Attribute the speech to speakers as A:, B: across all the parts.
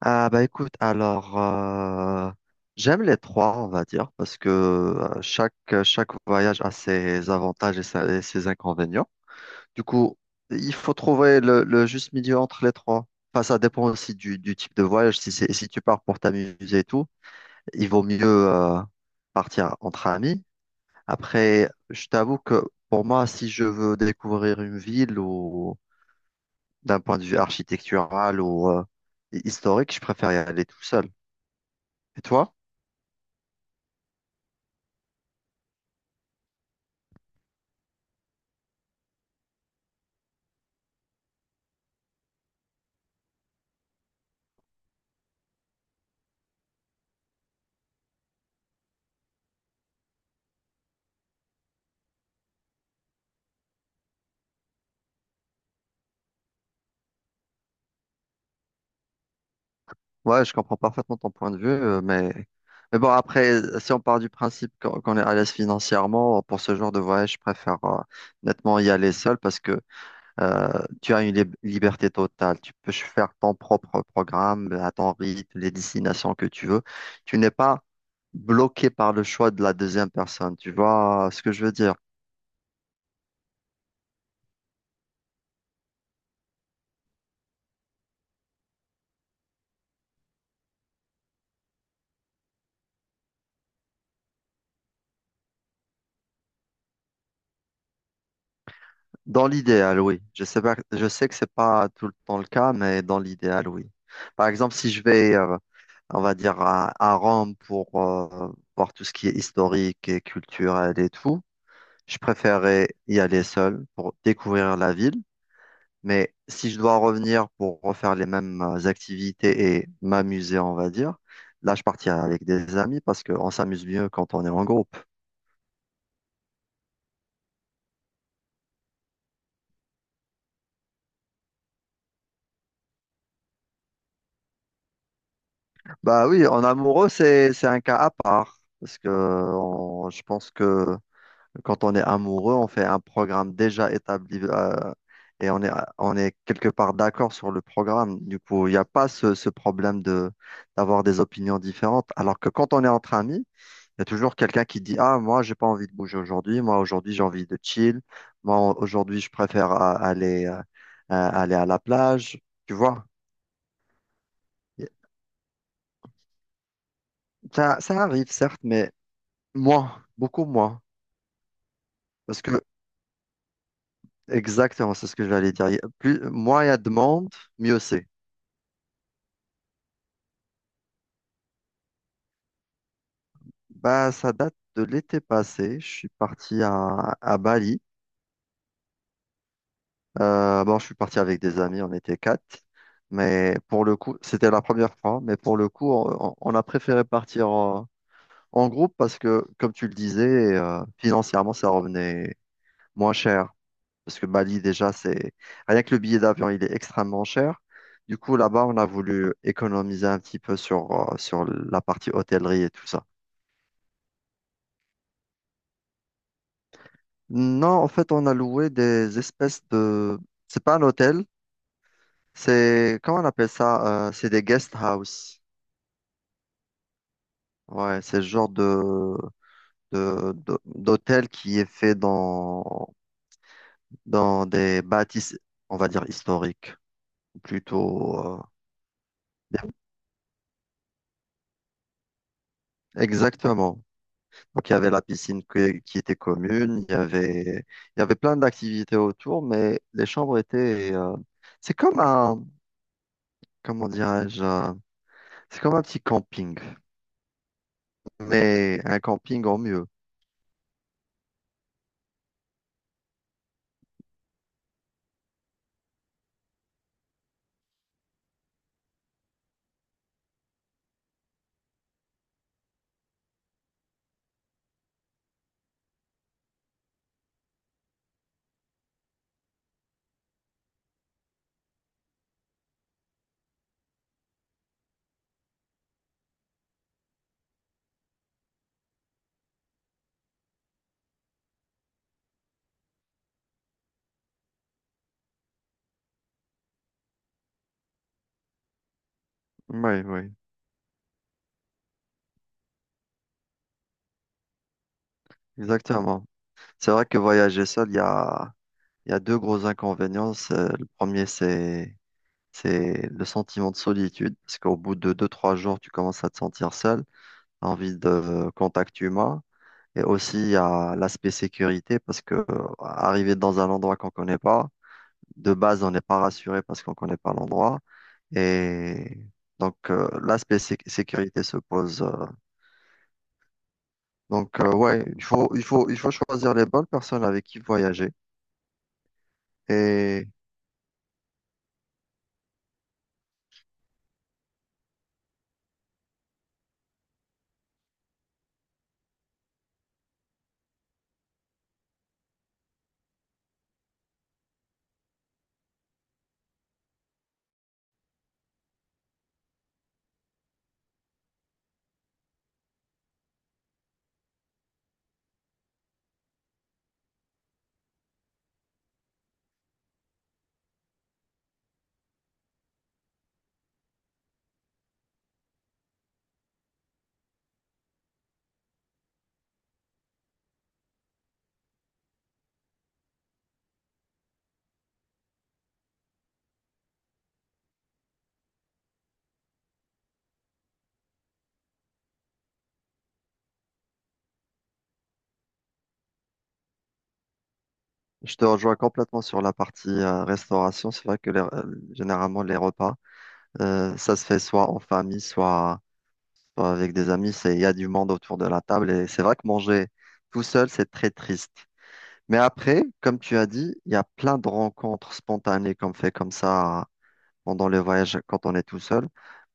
A: Ah bah écoute, alors j'aime les trois, on va dire, parce que chaque, chaque voyage a ses avantages et ses inconvénients. Du coup, il faut trouver le juste milieu entre les trois. Enfin, ça dépend aussi du type de voyage. Si tu pars pour t'amuser et tout, il vaut mieux euh, partir entre amis. Après, je t'avoue que pour moi, si je veux découvrir une ville ou d'un point de vue architectural ou historique, je préfère y aller tout seul. Et toi? Ouais, je comprends parfaitement ton point de vue, mais bon, après, si on part du principe qu'on est à l'aise financièrement, pour ce genre de voyage, je préfère nettement y aller seul parce que euh, tu as une liberté totale. Tu peux faire ton propre programme à ton rythme, les destinations que tu veux. Tu n'es pas bloqué par le choix de la deuxième personne. Tu vois ce que je veux dire? Dans l'idéal, oui. Je sais pas, je sais que c'est pas tout le temps le cas, mais dans l'idéal, oui. Par exemple, si je vais, on va dire, à Rome pour voir tout ce qui est historique et culturel et tout. Je préférais y aller seul pour découvrir la ville. Mais si je dois revenir pour refaire les mêmes activités et m'amuser, on va dire, là, je partirai avec des amis parce qu'on s'amuse mieux quand on est en groupe. Bah oui, en amoureux, c'est un cas à part. Je pense que quand on est amoureux, on fait un programme déjà établi et on est, on est quelque part d'accord sur le programme. Du coup, il n'y a pas ce problème de d'avoir des opinions différentes. Alors que quand on est entre amis, il y a toujours quelqu'un qui dit, ah, moi, j'ai pas envie de bouger aujourd'hui. Moi, aujourd'hui, j'ai envie de chill. Moi, aujourd'hui, je préfère aller, aller à la plage. Tu vois, ça arrive, certes, mais moins, beaucoup moins. Parce que, exactement, c'est ce que j'allais dire. Il y a plus, moins il y a de monde, mieux c'est. Bah, ça date de l'été passé. Je suis parti à Bali. Bon, je suis parti avec des amis, on était quatre. Mais pour le coup, c'était la première fois. Mais pour le coup, on a préféré partir en groupe parce que, comme tu le disais, financièrement, ça revenait moins cher. Parce que Bali, déjà, c'est rien que le billet d'avion, il est extrêmement cher. Du coup, là-bas, on a voulu économiser un petit peu sur, sur la partie hôtellerie et tout ça. Non, en fait, on a loué des espèces de... C'est pas un hôtel, c'est... Comment on appelle ça? C'est des guest house. Ouais, c'est le genre d'hôtel qui est fait dans, dans des bâtisses, on va dire, historiques. Ou plutôt... des- exactement. Donc, il y avait la piscine qui était commune, il y avait plein d'activités autour, mais les chambres étaient... c'est comme un... comment dirais-je? C'est comme un petit camping. Mais un camping en mieux. Oui, oui, exactement. C'est vrai que voyager seul, il y a deux gros inconvénients. Le premier, c'est le sentiment de solitude, parce qu'au bout de deux, trois jours, tu commences à te sentir seul, t'as envie de contact humain. Et aussi, il y a l'aspect sécurité, parce que arriver dans un endroit qu'on connaît pas, de base, on n'est pas rassuré parce qu'on connaît pas l'endroit. Et donc, l'aspect sécurité se pose. Donc, ouais, il faut, il faut, il faut choisir les bonnes personnes avec qui voyager. Et je te rejoins complètement sur la partie restauration. C'est vrai que généralement, les repas, ça se fait soit en famille, soit, soit avec des amis. C'est, il y a du monde autour de la table. Et c'est vrai que manger tout seul, c'est très triste. Mais après, comme tu as dit, il y a plein de rencontres spontanées qu'on fait comme ça pendant le voyage quand on est tout seul.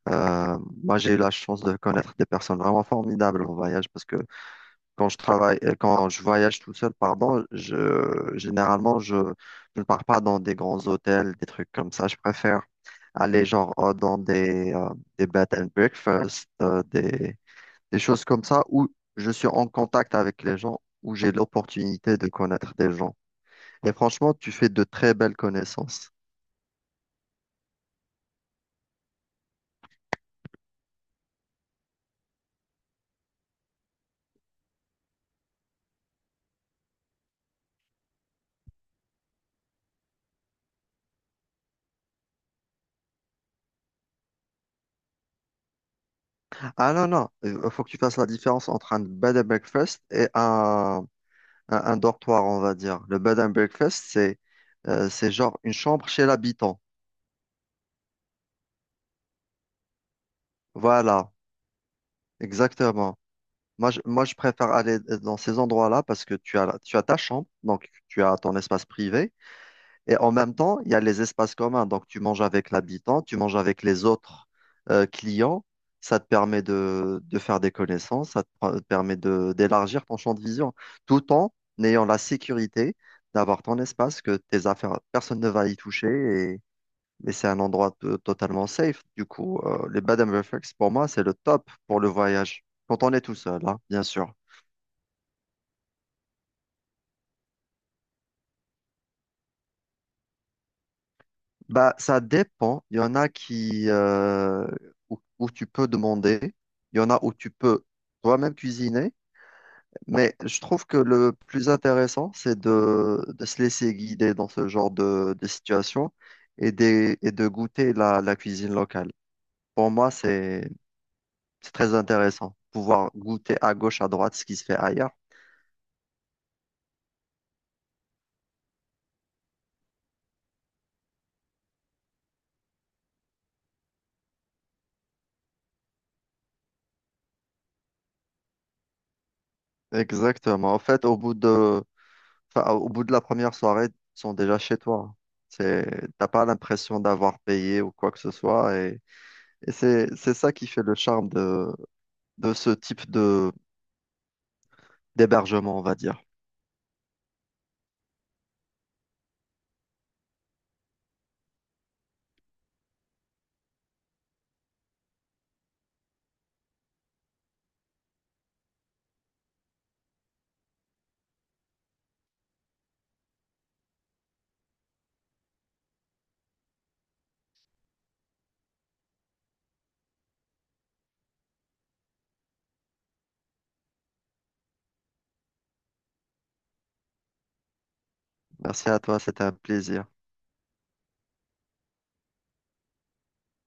A: Euh, Moi, j'ai eu la chance de connaître des personnes vraiment formidables au voyage parce que quand je voyage tout seul, pardon, généralement, je ne pars pas dans des grands hôtels, des trucs comme ça. Je préfère aller genre dans des bed and breakfast, des choses comme ça où je suis en contact avec les gens, où j'ai l'opportunité de connaître des gens. Et franchement, tu fais de très belles connaissances. Ah non, non, il faut que tu fasses la différence entre un bed and breakfast et un dortoir, on va dire. Le bed and breakfast, c'est genre une chambre chez l'habitant. Voilà, exactement. Moi, je préfère aller dans ces endroits-là parce que tu as, tu as ta chambre, donc tu as ton espace privé, et en même temps, il y a les espaces communs. Donc, tu manges avec l'habitant, tu manges avec les autres clients. Ça te permet de faire des connaissances, ça te permet de, d'élargir ton champ de vision, tout en ayant la sécurité d'avoir ton espace, que tes affaires, personne ne va y toucher, mais c'est un endroit totalement safe. Du coup, les Bed and Breakfast, pour moi, c'est le top pour le voyage. Quand on est tout seul, hein, bien sûr. Bah, ça dépend. Il y en a qui, où, où tu peux demander. Il y en a où tu peux toi-même cuisiner. Mais je trouve que le plus intéressant, c'est de se laisser guider dans ce genre de situation et et de goûter la cuisine locale. Pour moi, c'est très intéressant. Pouvoir goûter à gauche, à droite ce qui se fait ailleurs. Exactement. En fait, enfin, au bout de la première soirée, ils sont déjà chez toi. C'est, t'as pas l'impression d'avoir payé ou quoi que ce soit. C'est ça qui fait le charme de ce type de, d'hébergement, on va dire. Merci à toi, c'était un plaisir.